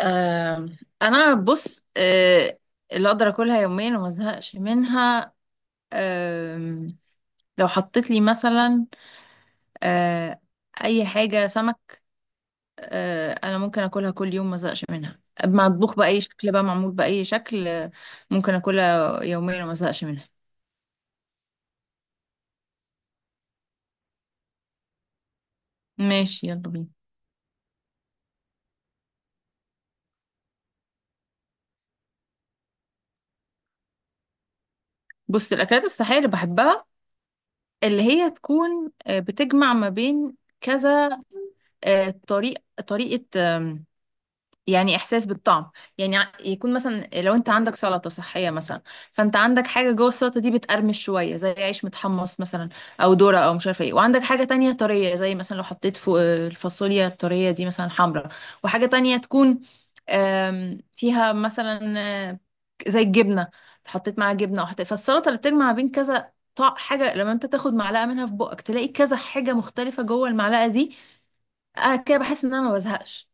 آه انا بص اللي اقدر اكلها يوميا وما ازهقش منها. آه لو حطيت لي مثلا آه اي حاجه سمك. انا ممكن اكلها كل يوم ما ازهقش منها، مطبوخ باي شكل بقى، معمول باي شكل ممكن اكلها يوميا وما ازهقش منها. ماشي، يلا بينا. بص، الاكلات الصحيه اللي بحبها، اللي هي تكون بتجمع ما بين كذا آه، طريق طريقه، يعني احساس بالطعم. يعني يكون مثلا لو انت عندك سلطه صحيه مثلا، فانت عندك حاجه جوه السلطه دي بتقرمش شويه زي عيش متحمص مثلا، او ذره، او مش عارفه ايه، وعندك حاجه تانية طريه، زي مثلا لو حطيت فوق الفاصوليا الطريه دي مثلا حمراء، وحاجه تانية تكون فيها مثلا آه، زي الجبنه، حطيت معاها جبنه، او حطيت فالسلطه اللي بتجمع بين كذا حاجه، لما انت تاخد معلقه منها في بقك تلاقي كذا حاجه مختلفه جوه المعلقه دي. كده بحس ان انا ما بزهقش،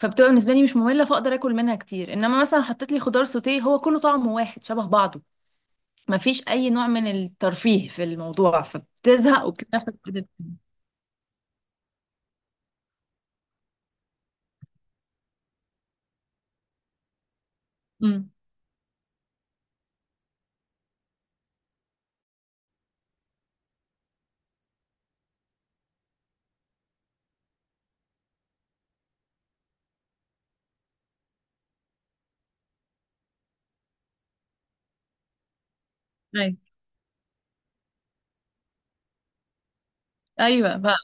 فبتبقى بالنسبه لي مش ممله، فاقدر اكل منها كتير. انما مثلا حطيت لي خضار سوتيه هو كله طعمه واحد شبه بعضه، ما فيش اي نوع من الترفيه في الموضوع، فبتزهق وبتعرف. امم. ايوه. ايوه بقى.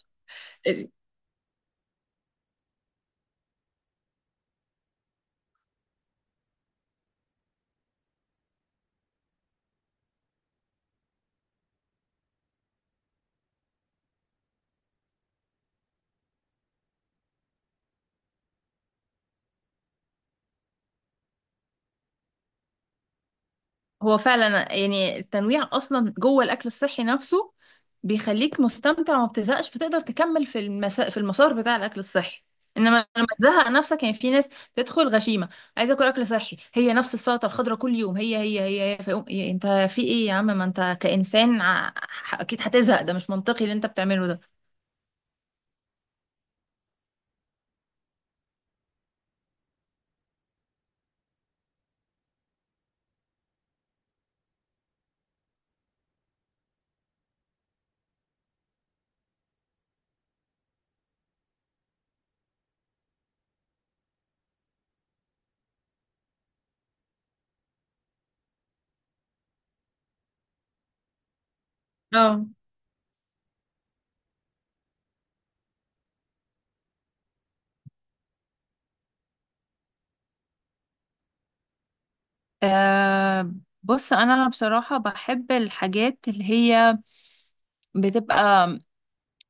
هو فعلا يعني التنويع اصلا جوه الاكل الصحي نفسه بيخليك مستمتع وما بتزهقش، فتقدر تكمل في في المسار بتاع الاكل الصحي. انما لما تزهق نفسك، يعني في ناس تدخل غشيمه عايزه اكل اكل صحي، هي نفس السلطه الخضراء كل يوم، هي هي هي، هي. فيقوم يا انت في ايه يا عم، ما انت كانسان اكيد هتزهق، ده مش منطقي اللي انت بتعمله ده. اه. آه، بص، انا بصراحة بحب الحاجات اللي هي بتبقى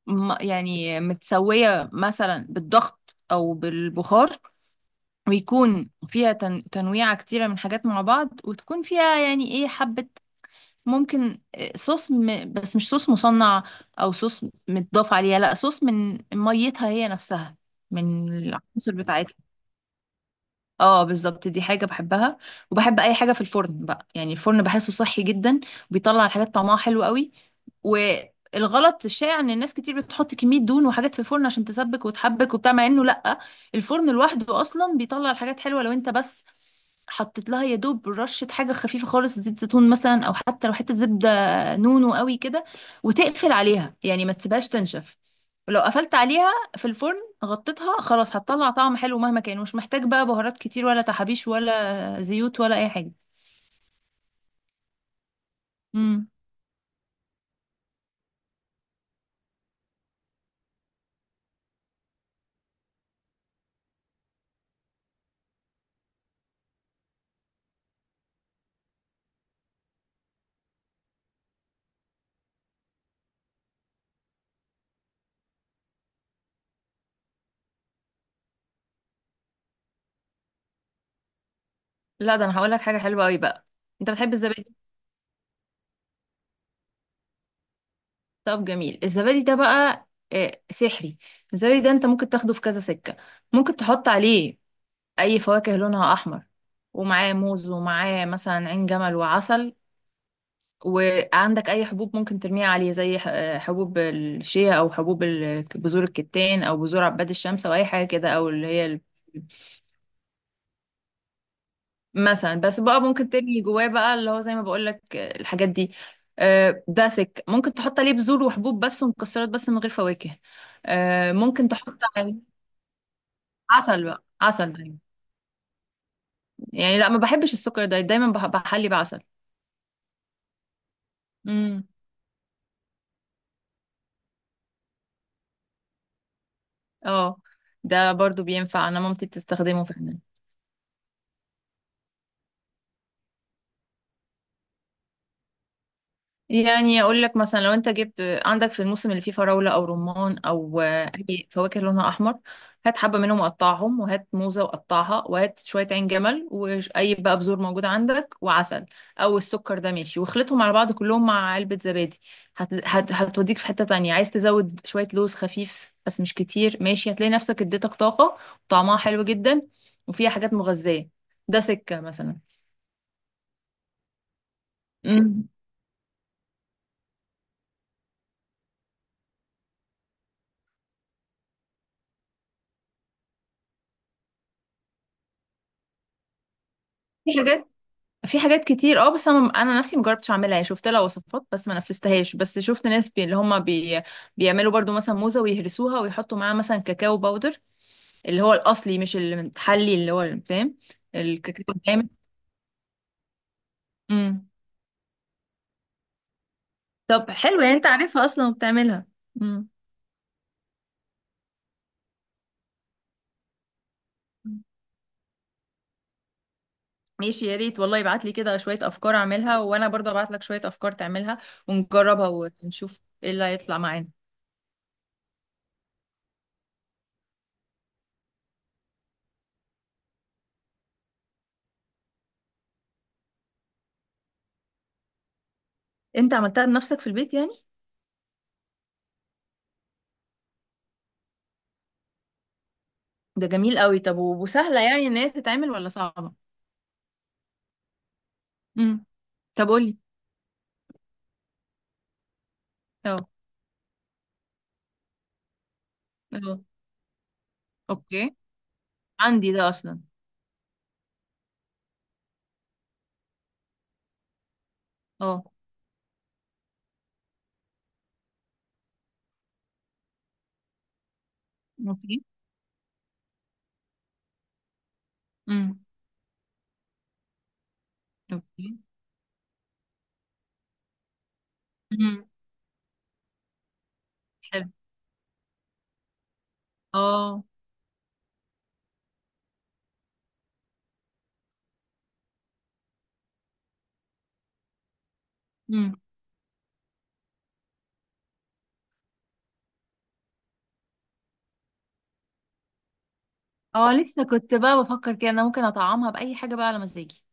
يعني متسوية مثلا بالضغط أو بالبخار، ويكون فيها تنويعة كتيرة من حاجات مع بعض، وتكون فيها يعني ايه حبة، ممكن صوص بس مش صوص مصنع أو صوص متضاف عليها، لا، صوص من ميتها هي نفسها، من العناصر بتاعتها. اه بالظبط، دي حاجة بحبها. وبحب أي حاجة في الفرن بقى، يعني الفرن بحسه صحي جدا، وبيطلع الحاجات طعمها حلو قوي. والغلط الشائع ان الناس كتير بتحط كمية دهون وحاجات في الفرن عشان تسبك وتحبك وبتاع، مع انه لا، الفرن لوحده اصلا بيطلع الحاجات حلوة، لو انت بس حطيت لها يا دوب رشة حاجة خفيفة خالص، زيت زيتون مثلا، او حتى لو حتة زبدة نونو قوي كده، وتقفل عليها يعني ما تسيبهاش تنشف. لو قفلت عليها في الفرن غطيتها، خلاص هتطلع طعم حلو مهما كان، مش محتاج بقى بهارات كتير ولا تحابيش ولا زيوت ولا اي حاجة. امم. لا، ده انا هقول لك حاجة حلوة قوي بقى. انت بتحب الزبادي؟ طب جميل، الزبادي ده بقى سحري. الزبادي ده انت ممكن تاخده في كذا سكة. ممكن تحط عليه اي فواكه لونها احمر، ومعاه موز، ومعاه مثلا عين جمل وعسل. وعندك اي حبوب ممكن ترميها عليه، زي حبوب الشيا، او حبوب بذور الكتان، او بذور عباد الشمس، او اي حاجة كده، او اللي هي البذور مثلا. بس بقى ممكن تبني جواه بقى اللي هو زي ما بقول لك الحاجات دي. داسك ممكن تحط عليه بذور وحبوب بس ومكسرات بس من غير فواكه. ممكن تحط عليه عسل بقى، عسل دايما يعني. لا، ما بحبش السكر ده، دايما بحلي بعسل. امم. اه ده برضو بينفع، انا مامتي بتستخدمه فعلا. يعني اقول لك مثلا لو انت جبت عندك في الموسم اللي فيه فراوله او رمان او اي فواكه لونها احمر، هات حبه منهم وقطعهم، وهات موزه وقطعها، وهات شويه عين جمل، واي بقى بذور موجود عندك، وعسل او السكر ده ماشي، واخلطهم على بعض كلهم مع علبه زبادي. هتوديك في حته تانية. عايز تزود شويه لوز خفيف بس مش كتير ماشي، هتلاقي نفسك اديتك طاقه وطعمها حلو جدا وفيها حاجات مغذيه. ده سكه مثلا. مم. في حاجات في حاجات كتير، اه، بس انا نفسي مجربتش اعملها. يعني شفت لها وصفات بس ما نفذتهاش، بس شفت ناس اللي هم بيعملوا برضو مثلا موزه ويهرسوها ويحطوا معاها مثلا كاكاو باودر، اللي هو الاصلي مش المتحلي اللي هو، فاهم؟ الكاكاو الجامد. امم. طب حلو، يعني انت عارفها اصلا وبتعملها. امم. ماشي، يا ريت والله ابعت لي كده شويه افكار اعملها، وانا برضو ابعت لك شويه افكار تعملها ونجربها ونشوف ايه اللي هيطلع معانا. انت عملتها بنفسك في البيت يعني؟ ده جميل قوي. طب وسهله يعني ان هي تتعمل ولا صعبه؟ امم. طب قولي. اه. اه. اوكي، عندي ده اصلا. اه. اوكي. امم. اوكي. امم. حلو. اه. امم. اه، لسه كنت بقى بفكر كده انا ممكن اطعمها باي حاجه بقى على مزاجي.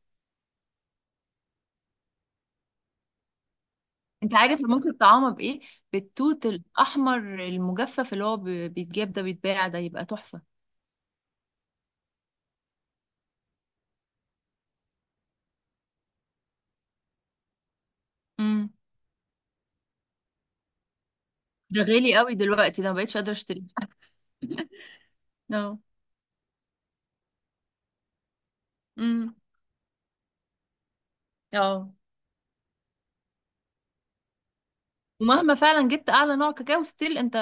انت عارف ممكن تطعمها بايه؟ بالتوت الاحمر المجفف، اللي هو بيتجاب ده، بيتباع ده، يبقى تحفه. امم. ده غالي قوي دلوقتي، ده ما بقتش قادره اشتري. اه. امم. اه. ومهما فعلا جبت اعلى نوع كاكاو، ستيل انت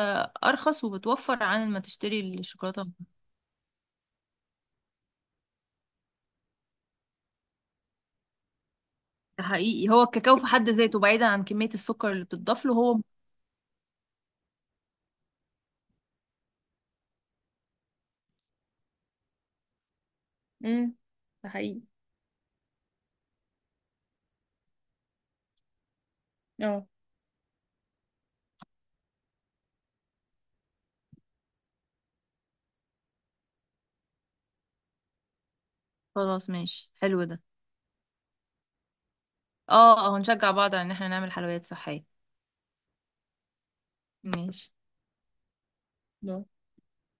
ارخص وبتوفر عن ما تشتري الشوكولاته. ده حقيقي، هو الكاكاو في حد ذاته، بعيدا عن كمية السكر اللي بتضاف له، هو. امم. ده حقيقي. اه. خلاص ماشي، حلو ده. اه. اه، هنشجع بعض على ان احنا نعمل حلويات صحية. ماشي.